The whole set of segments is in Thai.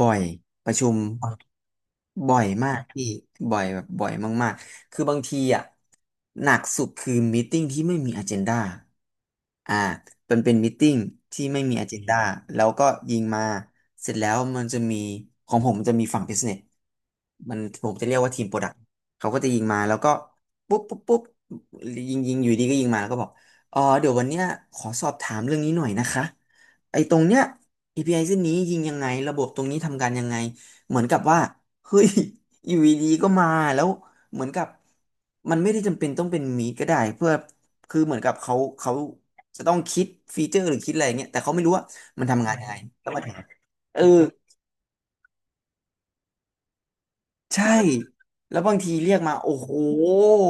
บ่อยประชุมบ่อยมากพี่บ่อยแบบบ่อยมากๆคือบางทีอ่ะหนักสุดคือมีติ้งที่ไม่มีอ g e n d a อ่ามันเป็นมีติ้งที่ไม่มีอ g e n d a แล้วก็ยิงมาเสร็จแล้วมันจะมีของผมมันจะมีฝั่ง business มันผมจะเรียกว่าทีมโปรดักต์เขาก็จะยิงมาแล้วก็ปุ๊บปุ๊บปุ๊บยิงยิงอยู่ดีก็ยิงมาแล้วก็บอกอ๋อเดี๋ยววันเนี้ยขอสอบถามเรื่องนี้หน่อยนะคะ ไอ้ตรงเนี้ย API เส้นนี้ยิงยังไงระบบตรงนี้ทำการยังไงเหมือนกับว่าเฮ้ย อยู่ดีๆก็มาแล้วเหมือนกับมันไม่ได้จำเป็นต้องเป็นมีดก็ได้เพื่อคือเหมือนกับเขาจะต้องคิดฟีเจอร์หรือคิดอะไรเงี้ยแต่เขาไม่รู้ว่ามันทำงานยังไงแล้วมาทำเออใช่แล้วบางทีเรียกมาโอ้โห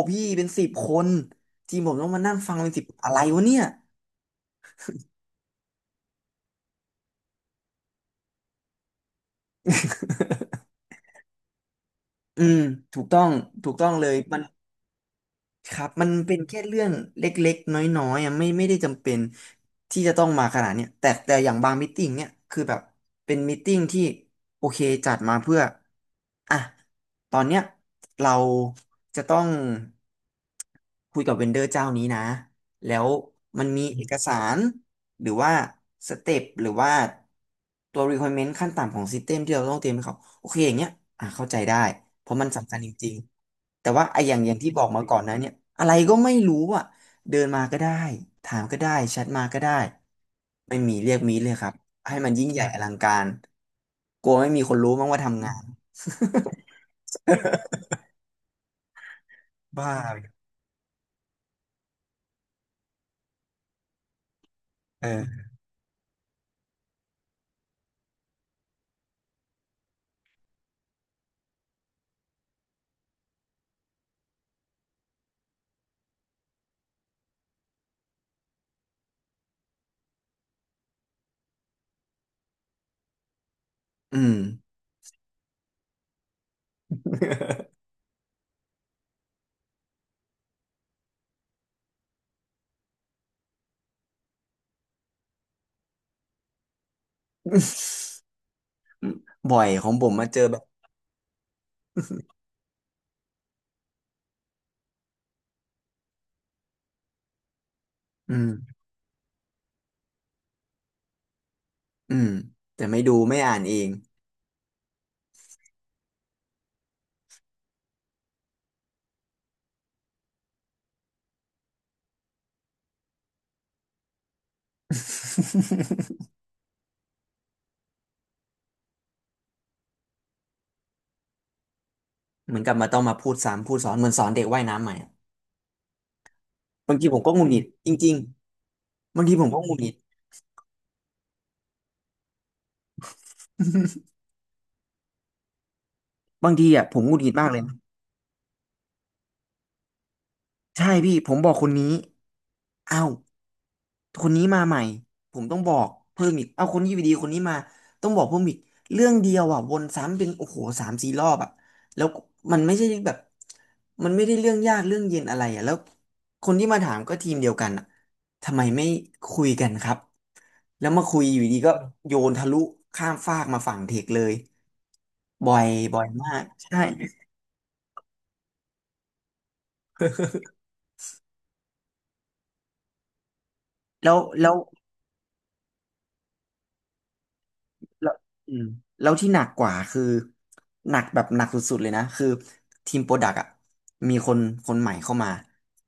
พี่เป็นสิบคนทีมผมต้องมานั่งฟังเป็นสิบอะไรวะเนี่ยอืมถูกต้องถูกต้องเลยมัน ครับมันเป็นแค่เรื่องเล็กๆน้อยๆอ่ะไม่ได้จำเป็นที่จะต้องมาขนาดเนี้ยแต่อย่างบางมิทติ้งเนี่ยคือแบบเป็นมิทติ้งที่โอเคจัดมาเพื่ออ่ะ ตอนเนี้ยเราจะต้องคุยกับเวนเดอร์เจ้านี้นะแล้วมันมีเอกสารหรือว่าสเต็ปหรือว่าตัว requirement ขั้นต่ำของ System ที่เราต้องเตรียมให้เขาโอเคอย่างเงี้ยอ่ะเข้าใจได้เพราะมันสำคัญจริงๆแต่ว่าไอ้อย่างอย่างที่บอกมาก่อนนะเนี่ยอะไรก็ไม่รู้อ่ะเดินมาก็ได้ถามก็ได้แชทมาก็ได้ไม่มีเรียกมีเลยครับให้มันยิ่งใหญ่อลังการกลัวไม่มีคนรู้มั้งว่าทำงานบ้า เอออืม บ่อยของผมมาเจอแบบอืมอืมแต่ไม่ดูไม่อ่านเอง เหมือนกลับมาต้องมาพูดซ้ำพูดสอนเหมือนสอนเด็กว่ายน้ำใหม่อะบางทีผมก็หงุดหงิดจริงๆบางทีผมก็หงุดหงิดบางทีอ่ะผมหงุดหงิดมากเลย ใช่พี่ผมบอกคนนี้เอ้าคนนี้มาใหม่ผมต้องบอกเพิ่มอีกเอ้าคนนี้อยู่ดีคนนี้มาต้องบอกเพิ่มอีกเรื่องเดียวอ่ะวนซ้ำเป็นโอ้โหสามสี่รอบอ่ะแล้วมันไม่ใช่แบบมันไม่ได้เรื่องยากเรื่องเย็นอะไรอ่ะแล้วคนที่มาถามก็ทีมเดียวกันอ่ะทำไมไม่คุยกันครับแล้วมาคุยอยู่ดีก็โยนทะลุข้ามฟากมาฝั่งเทคเลยบ่อยบ่อยมากใช่แล้วแล้ว แล้วอืมแล้วที่หนักกว่าคือหนักแบบหนักสุดๆเลยนะคือทีมโปรดักต์อ่ะมีคนคนใหม่เข้ามา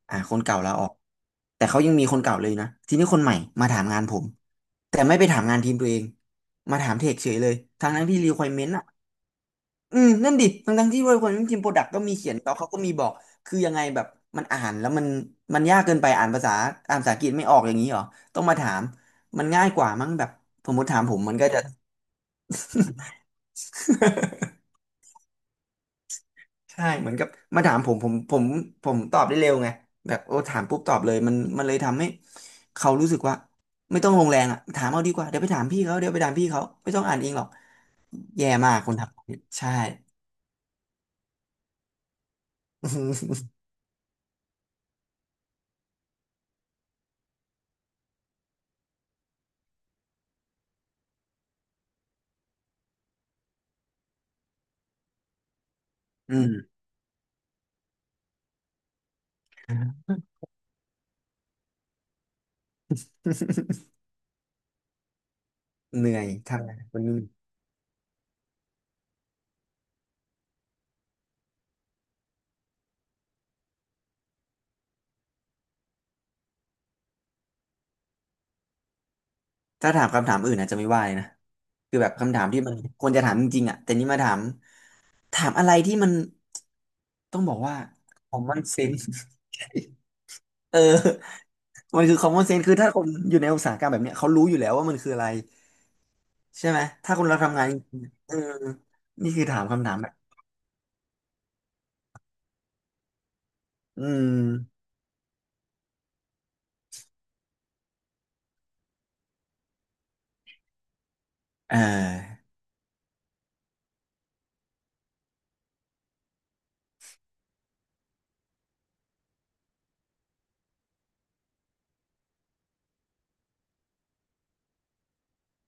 อ่าคนเก่าลาออกแต่เขายังมีคนเก่าเลยนะทีนี้คนใหม่มาถามงานผมแต่ไม่ไปถามงานทีมตัวเองมาถามเทคเฉยเลยทั้งที่ requirement อ่ะอืมนั่นดิทั้งที่ requirement ทีมโปรดักต์ก็มีเขียนแล้วเขาก็มีบอกคือยังไงแบบมันอ่านแล้วมันยากเกินไปอ่านภาษาอังกฤษไม่ออกอย่างนี้เหรอต้องมาถามมันง่ายกว่ามั้งแบบสมมติถามผมมันก็จะ ใช่เหมือนกับมาถามผมตอบได้เร็วไงแบบโอ้ถามปุ๊บตอบเลยมันเลยทำให้เขารู้สึกว่าไม่ต้องลงแรงอ่ะถามเอาดีกว่าเดี๋ยวไปถามพี่เขาเดี๋ยวไปถามพี่เขาไม่ต้องอ่านเองหรอกแย่มากคนทำใช่ อืม เหนื่อยทำงานคนนี้ถ้าถามคำถามอื่นอาจจะไม่ว่าเลยนะคือแบบคำถามที่มันควรจะถามจริงๆอ่ะแต่นี่มาถามถามอะไรที่มันต้องบอกว่า common sense เออ มันคือ common sense คือถ้าคนอยู่ในอุตสาหกรรมแบบเนี้ยเขารู้อยู่แล้วว่ามันคืออะไรใช่ไหมถ้าคนเราทำงานจริงๆเออนี่คือถามคำถามแบบอืมเออ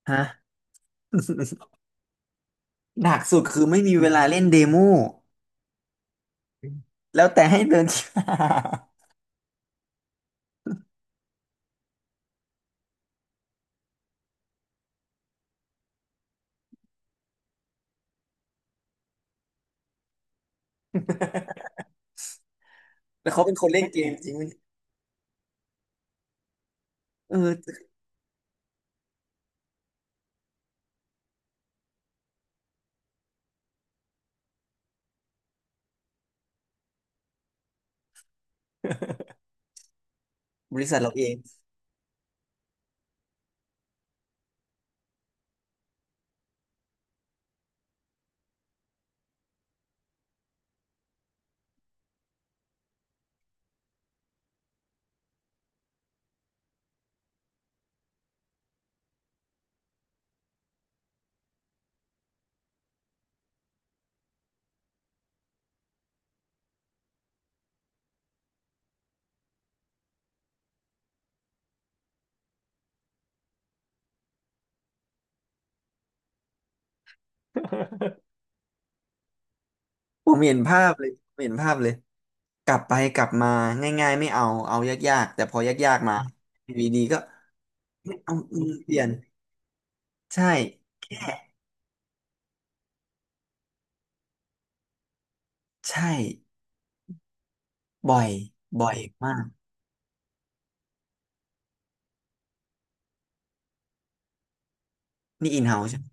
ฮะหนักสุดคือไม่มีเวลาเล่นเดโมแล้วแต่ให้เดิน แล้วเขาเป็นคนเล่นเกมจริงไหมเออบริษัทเราเองผมเห็นภาพเลยผมเห็นภาพเลยกลับไปกลับมาง่ายๆไม่เอาเอายากๆแต่พอยากๆมาวีดีก็ไม่เอาอืมเปลี่ยนใช่ ใช่บ่อยบ่อยมากนี่อินเฮาใช่ไหม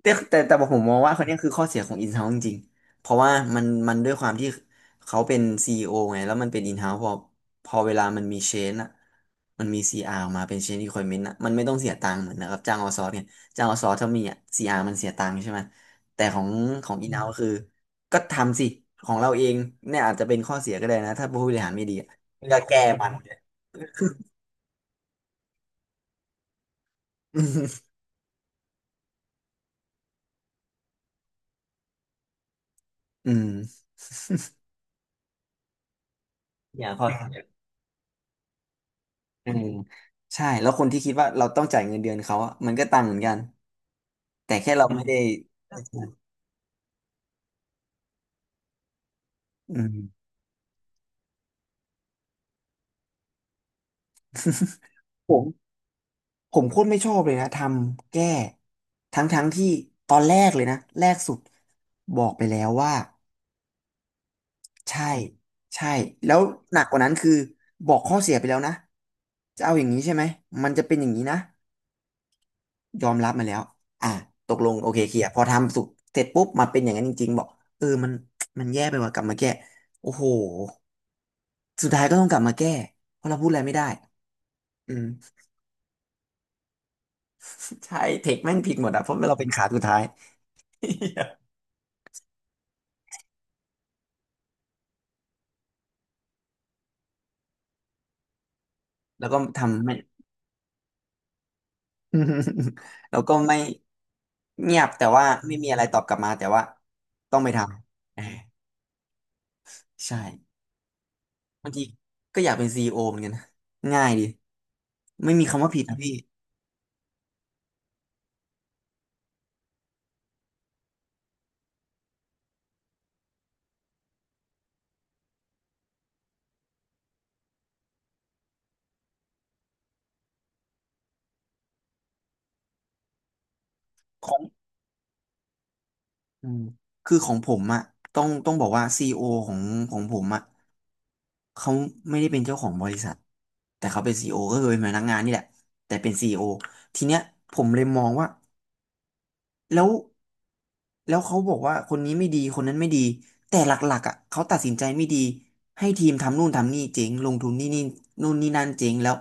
แต่ผมมองว่าคนเนี้ยคือข้อเสียของอินเฮาิงจริงๆเพราะว่ามันด้วยความที่เขาเป็นซีอีโอไงแล้วมันเป็นอินเฮาพอเวลามันมีเชนอะมันมีซีอาร์ออกมาเป็นเชน e ี q คว i เ m น n t อะมันไม่ต้องเสียตังค์เหมือนนะครับจ้างเอาซอร์สเนี่ยจ้างเอาซอร์สถ้ามีอะซีอาร์มันเสียตังค์ใช่ไหมแต่ของของอินเฮาคือก็ทำสิของเราเองเนี่ยอาจจะเป็นข้อเสียก็ได้นะถ้าผู้บริหารไม่ดีอะเวลาแก้มัน อืม อมอย่างข้อ อืมใช่แล้วคนที่คิดว่าเราต้องจ่ายเงินเดือนเขาอะมันก็ตังค์เหมือนกันแต่แค่เราไม่ได้อืมผมผมโคตรไม่ชอบเลยนะทำแก้ทั้งที่ตอนแรกเลยนะแรกสุดบอกไปแล้วว่าใช่ใช่แล้วหนักกว่านั้นคือบอกข้อเสียไปแล้วนะจะเอาอย่างนี้ใช่ไหมมันจะเป็นอย่างนี้นะ ยอมรับมาแล้วอ่ะตกลง โอเคเคลียร์พอทำสุกเสร็จปุ๊บมาเป็นอย่างนั้นจริงๆบอกเออมันแย่ไปว่ะกลับมาแก้โอ้โหสุดท้ายก็ต้องกลับมาแก้เพราะเราพูดอะไรไม่ได้อืม ใช่เทคแม่งผิดหมดอะเพราะเราเป็นขาสุดท้าย แล้วก็ทำไม่ แล้วก็ไม่เงียบแต่ว่าไม่มีอะไรตอบกลับมาแต่ว่าต้องไปทำเอ่าใช่บางทีก็อยากเป็นซีอีโอเหมือนกันนะง่ายดีไม่มีคำว่าผิดนะพี่ของ อืมคือของผมอะต้องบอกว่าซีโอของของผมอะเขาไม่ได้เป็นเจ้าของบริษัทแต่เขาเป็นซีโอก็คือเป็นพนักงานนี่แหละแต่เป็นซีโอทีเนี้ยผมเลยมองว่า แล้วแล้วเขาบอกว่าคนนี้ไม่ดีคนนั้นไม่ดีแต่หลักๆอ่ะเขาตัดสินใจไม่ดีให้ทีมทำนู่นทำนี่เจ๊งลงทุนนี่นี่นู่นนี่นั่นเจ๊งแล้ว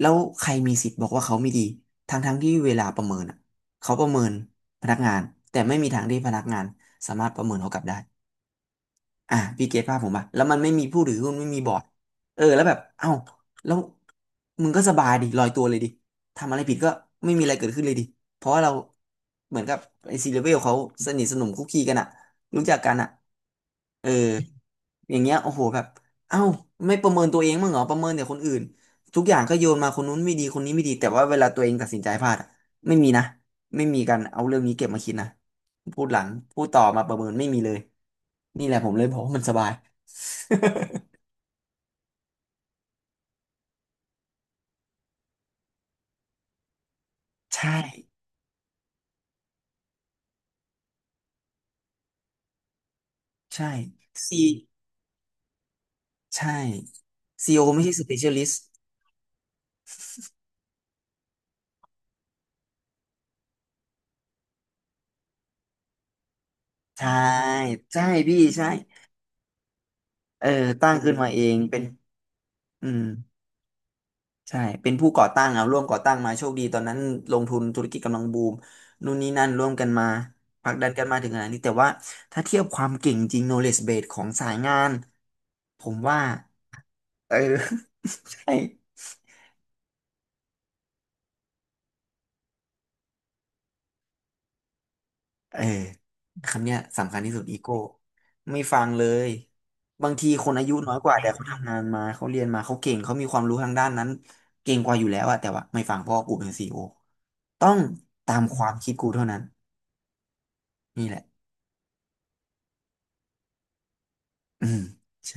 แล้วใครมีสิทธิ์บอกว่าเขาไม่ดีทั้งๆที่เวลาประเมินอ่ะเขาประเมินพนักงานแต่ไม่มีทางที่พนักงานสามารถประเมินเขากลับได้ อ่าพี่เกตภาพผมป่ะแล้วมันไม่มีผู้ถือหุ้นไม่มีบอร์ดเออแล้วแบบเอ้าแล้วมึงก็สบายดิลอยตัวเลยดิทำอะไรผิดก็ไม่มีอะไรเกิดขึ้นเลยดิเพราะว่าเราเหมือนกับไอซีเลเวลเขาสนิทสนมคุกคีกันอะรู้จักกันอะเออ อย่างเงี้ยโอ้โหแบบเอ้าไม่ประเมินตัวเองมั้างเหรอประเมินแต่คนอื่นทุกอย่างก็โยนมาคนนู้นไม่ดีคนนี้ไม่ดีแต่ว่าเวลาตัวเองตัดสินใจพลาดอะไม่มีนะไม่มีการเอาเรื่องนี้เก็บมาคิดนะพูดหลังพูดต่อมาประเมินไม่มีเลยนี่แหละผมเลยบอกว่ามันสบาย ใช่ใช่ซีใช่ c e อไม่ใช่ specialist ใช่ใช่พี่ใช่เออตั้งขึ้นมาเองเป็นอืม ใช่ เป็นผู้ก่อตั้งเอาร่วมก่อตั้งมาโชคดีตอนนั้นลงทุนธุรกิจกำลังบูมนู่นนี่นั่นร่วมกันมาผลักดันกันมาถึงขนาดนี้แต่ว่าถ้าเทียบความเก่งจริง knowledge base ของสายงานผมว่าเออ ใช่เออคำเนี้ยสำคัญที่สุดอีโก้ไม่ฟังเลยบางทีคนอายุน้อยกว่าแต่เขาทำงานมาเขาเรียนมาเขาเก่งเขามีความรู้ทางด้านนั้นเก่งกว่าอยู่แล้วอะแต่ว่าไม่ฟังเพราะว่ากูเป็นซีอีโอต้องตามความคิดกูเท่านั้นนี่แหละอืมใช่